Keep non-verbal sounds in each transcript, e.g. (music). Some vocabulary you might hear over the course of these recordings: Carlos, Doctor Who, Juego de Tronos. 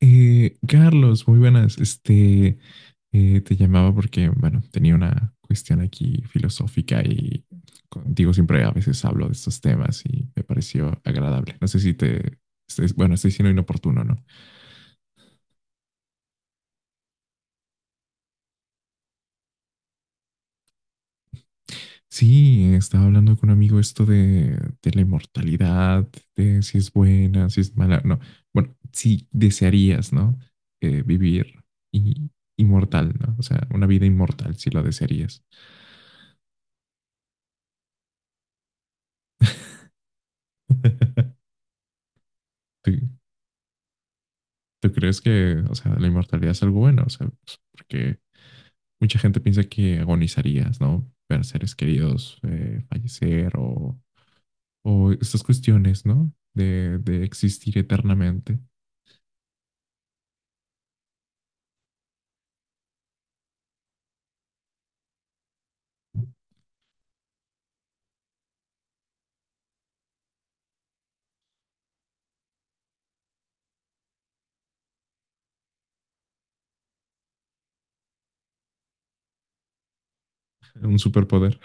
Carlos, muy buenas. Te llamaba porque, bueno, tenía una cuestión aquí filosófica y contigo siempre a veces hablo de estos temas y me pareció agradable. No sé si te, bueno, estoy siendo inoportuno, ¿no? Sí, estaba hablando con un amigo esto de la inmortalidad, de si es buena, si es mala, no. Bueno, si desearías, ¿no? Vivir y, inmortal, ¿no? O sea, una vida inmortal, si lo desearías. (laughs) ¿Tú, ¿Tú crees que, o sea, ¿la inmortalidad es algo bueno? O sea, pues, porque mucha gente piensa que agonizarías, ¿no? Ver a seres queridos fallecer o estas cuestiones, ¿no? De existir eternamente. Un superpoder.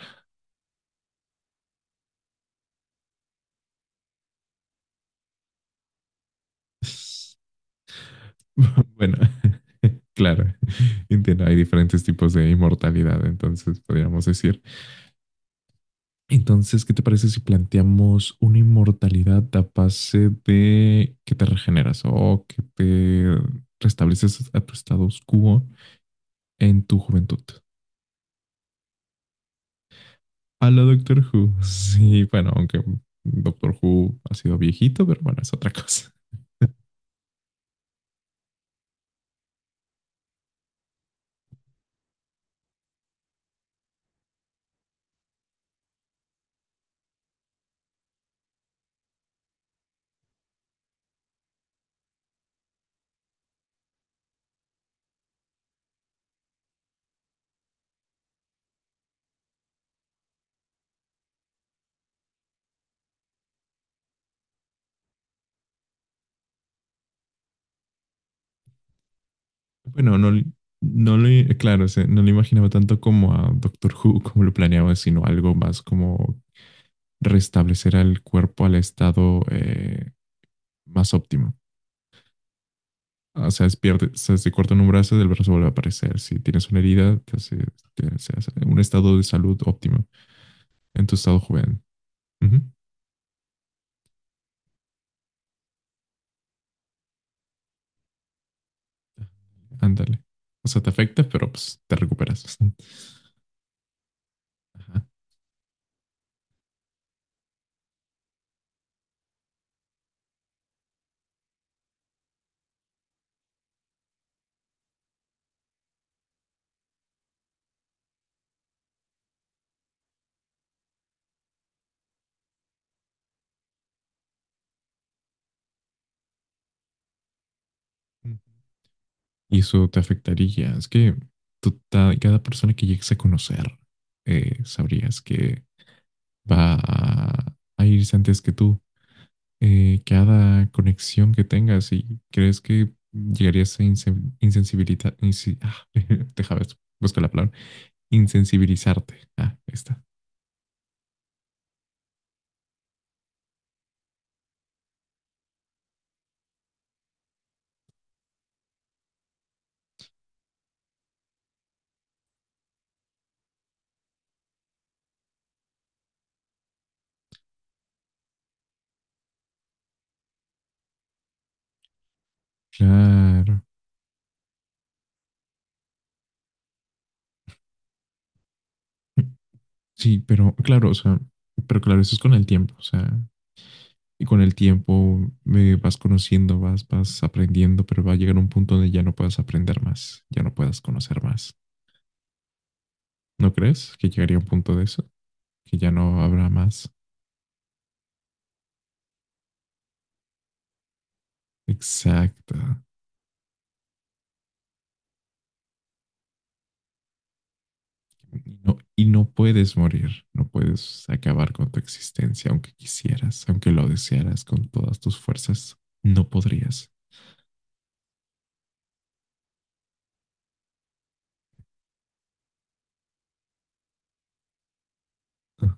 (laughs) (laughs) Bueno, (laughs) claro, entiendo, hay diferentes tipos de inmortalidad, entonces podríamos decir. Entonces, ¿qué te parece si planteamos una inmortalidad a base de que te regeneras o que te restableces a tu status quo en tu juventud? A la Doctor Who. Sí, bueno, aunque Doctor Who ha sido viejito, pero bueno, es otra cosa. Bueno, no lo, claro, o sea, no lo imaginaba tanto como a Doctor Who, como lo planeaba, sino algo más como restablecer al cuerpo al estado más óptimo. O sea, es pierde, o sea, si cortan un brazo, el brazo vuelve a aparecer. Si tienes una herida, te hace un estado de salud óptimo en tu estado joven. Ujú. Ándale. O sea, te afecta, pero pues te recuperas. (laughs) Ajá. Y eso te afectaría. Es que tú cada persona que llegues a conocer, sabrías que va a irse antes que tú. Cada conexión que tengas y crees que llegarías a (laughs) déjame buscar la palabra, insensibilizarte. Ah, ahí está. Claro. Sí, pero claro, o sea, pero claro, eso es con el tiempo, o sea, y con el tiempo vas conociendo, vas aprendiendo, pero va a llegar un punto donde ya no puedas aprender más, ya no puedas conocer más. ¿No crees que llegaría un punto de eso? Que ya no habrá más. Exacto. Y no puedes morir, no puedes acabar con tu existencia, aunque quisieras, aunque lo desearas con todas tus fuerzas, no podrías. Ah,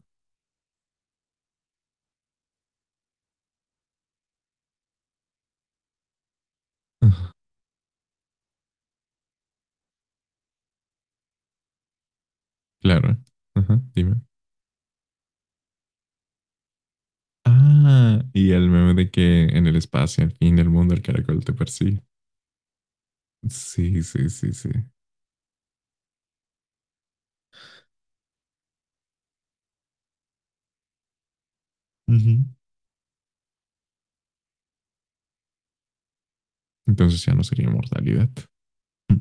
ah, claro, ajá, dime. Ah, y el meme de que en el espacio, al fin del mundo, el caracol te persigue. Sí, sí, sí, sí. Ujú. Entonces ya no sería inmortalidad. Mm.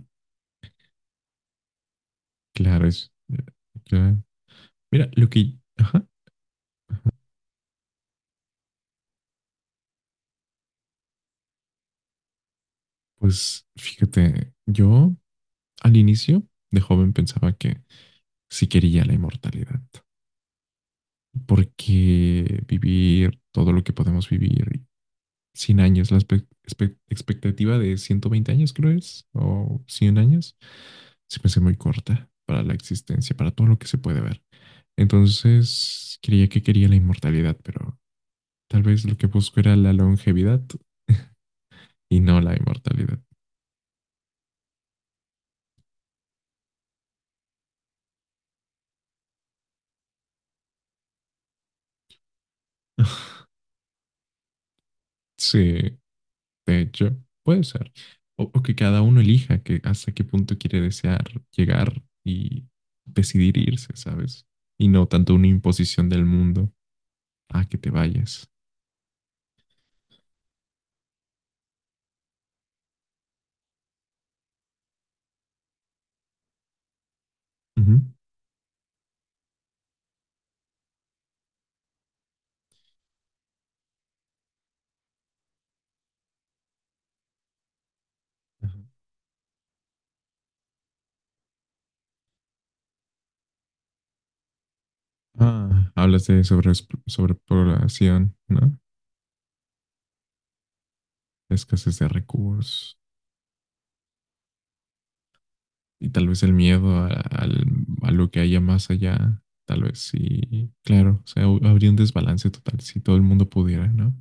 Claro, es. Claro. Mira, lo que. Ajá. Pues fíjate, yo al inicio de joven pensaba que si quería la inmortalidad. Porque vivir todo lo que podemos vivir, 100 años, la expectativa de 120 años creo es, o 100 años, se me hace muy corta para la existencia, para todo lo que se puede ver. Entonces, creía que quería la inmortalidad, pero tal vez lo que busco era la longevidad y no la inmortalidad. (laughs) Sí, de hecho, puede ser. o que cada uno elija que hasta qué punto quiere desear llegar y decidir irse, ¿sabes? Y no tanto una imposición del mundo a que te vayas. Ujú. Ajá. Ah, hablas de sobrepoblación, ¿no? Escasez de recursos y tal vez el miedo a lo que haya más allá, tal vez sí, claro, o sea, habría un desbalance total si todo el mundo pudiera, ¿no?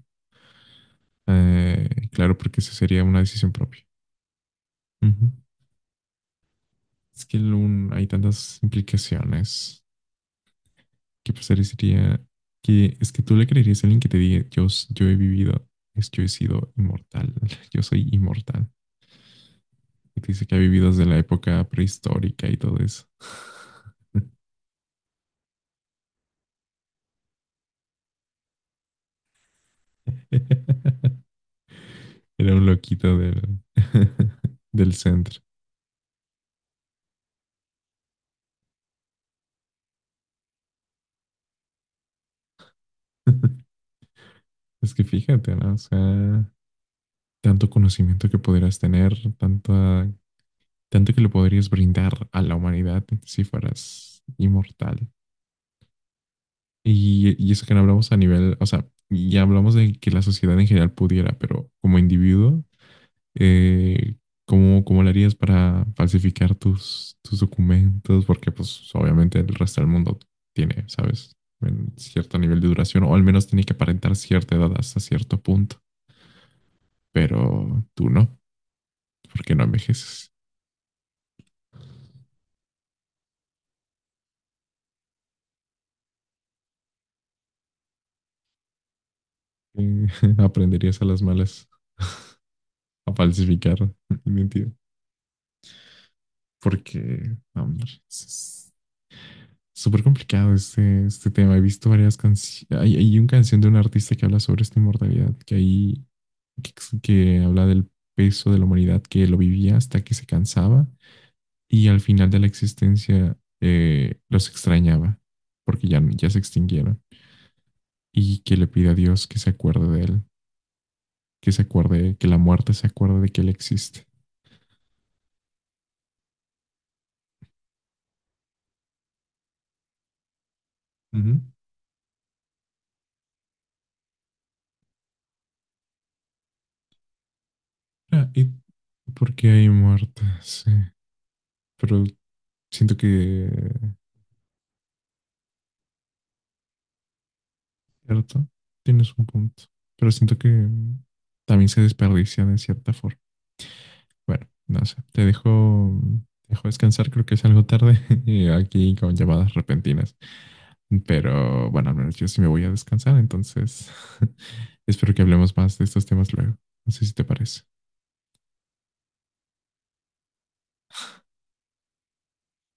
Claro, porque esa sería una decisión propia. Es que hay tantas implicaciones que parecería que es que tú le creerías a alguien que te diga, yo, yo he vivido, es yo he sido inmortal, (laughs) yo soy inmortal. Y te dice que ha vivido desde la época prehistórica y todo eso. (laughs) Era un loquito del, (laughs) del centro. (laughs) Es que fíjate, ¿no? O sea, tanto conocimiento que podrías tener, tanta, tanto que le podrías brindar a la humanidad si fueras inmortal. Y eso que no hablamos a nivel, o sea, ya hablamos de que la sociedad en general pudiera, pero como individuo, eh, ¿cómo lo harías para falsificar tus documentos? Porque pues obviamente el resto del mundo tiene, ¿sabes? En cierto nivel de duración, o al menos tiene que aparentar cierta edad hasta cierto punto, pero tú no, porque no envejeces. Eh, (laughs) Aprenderías a las malas a falsificar (laughs) mentira porque, no, hombre, súper complicado este tema. He visto varias canciones. Hay una canción de un artista que habla sobre esta inmortalidad, que ahí, que, que habla del peso de la humanidad que lo vivía hasta que se cansaba y al final de la existencia los extrañaba porque ya se extinguieron y que le pide a Dios que se acuerde de él, que se acuerde, que la muerte se acuerde de que él existe. Ujú. Ah, ¿y por qué hay muertas? Sí, pero siento que cierto, tienes un punto, pero siento que mm, también se desperdicia de cierta forma. Bueno, no sé, te dejo descansar, creo que es algo tarde (laughs) y aquí con llamadas repentinas, pero bueno, al menos yo sí me voy a descansar, entonces (laughs) espero que hablemos más de estos temas luego. No sé si te parece.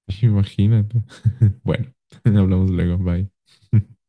(laughs) Imagínate. (laughs) Bueno, (laughs) hablamos luego, bye. (laughs)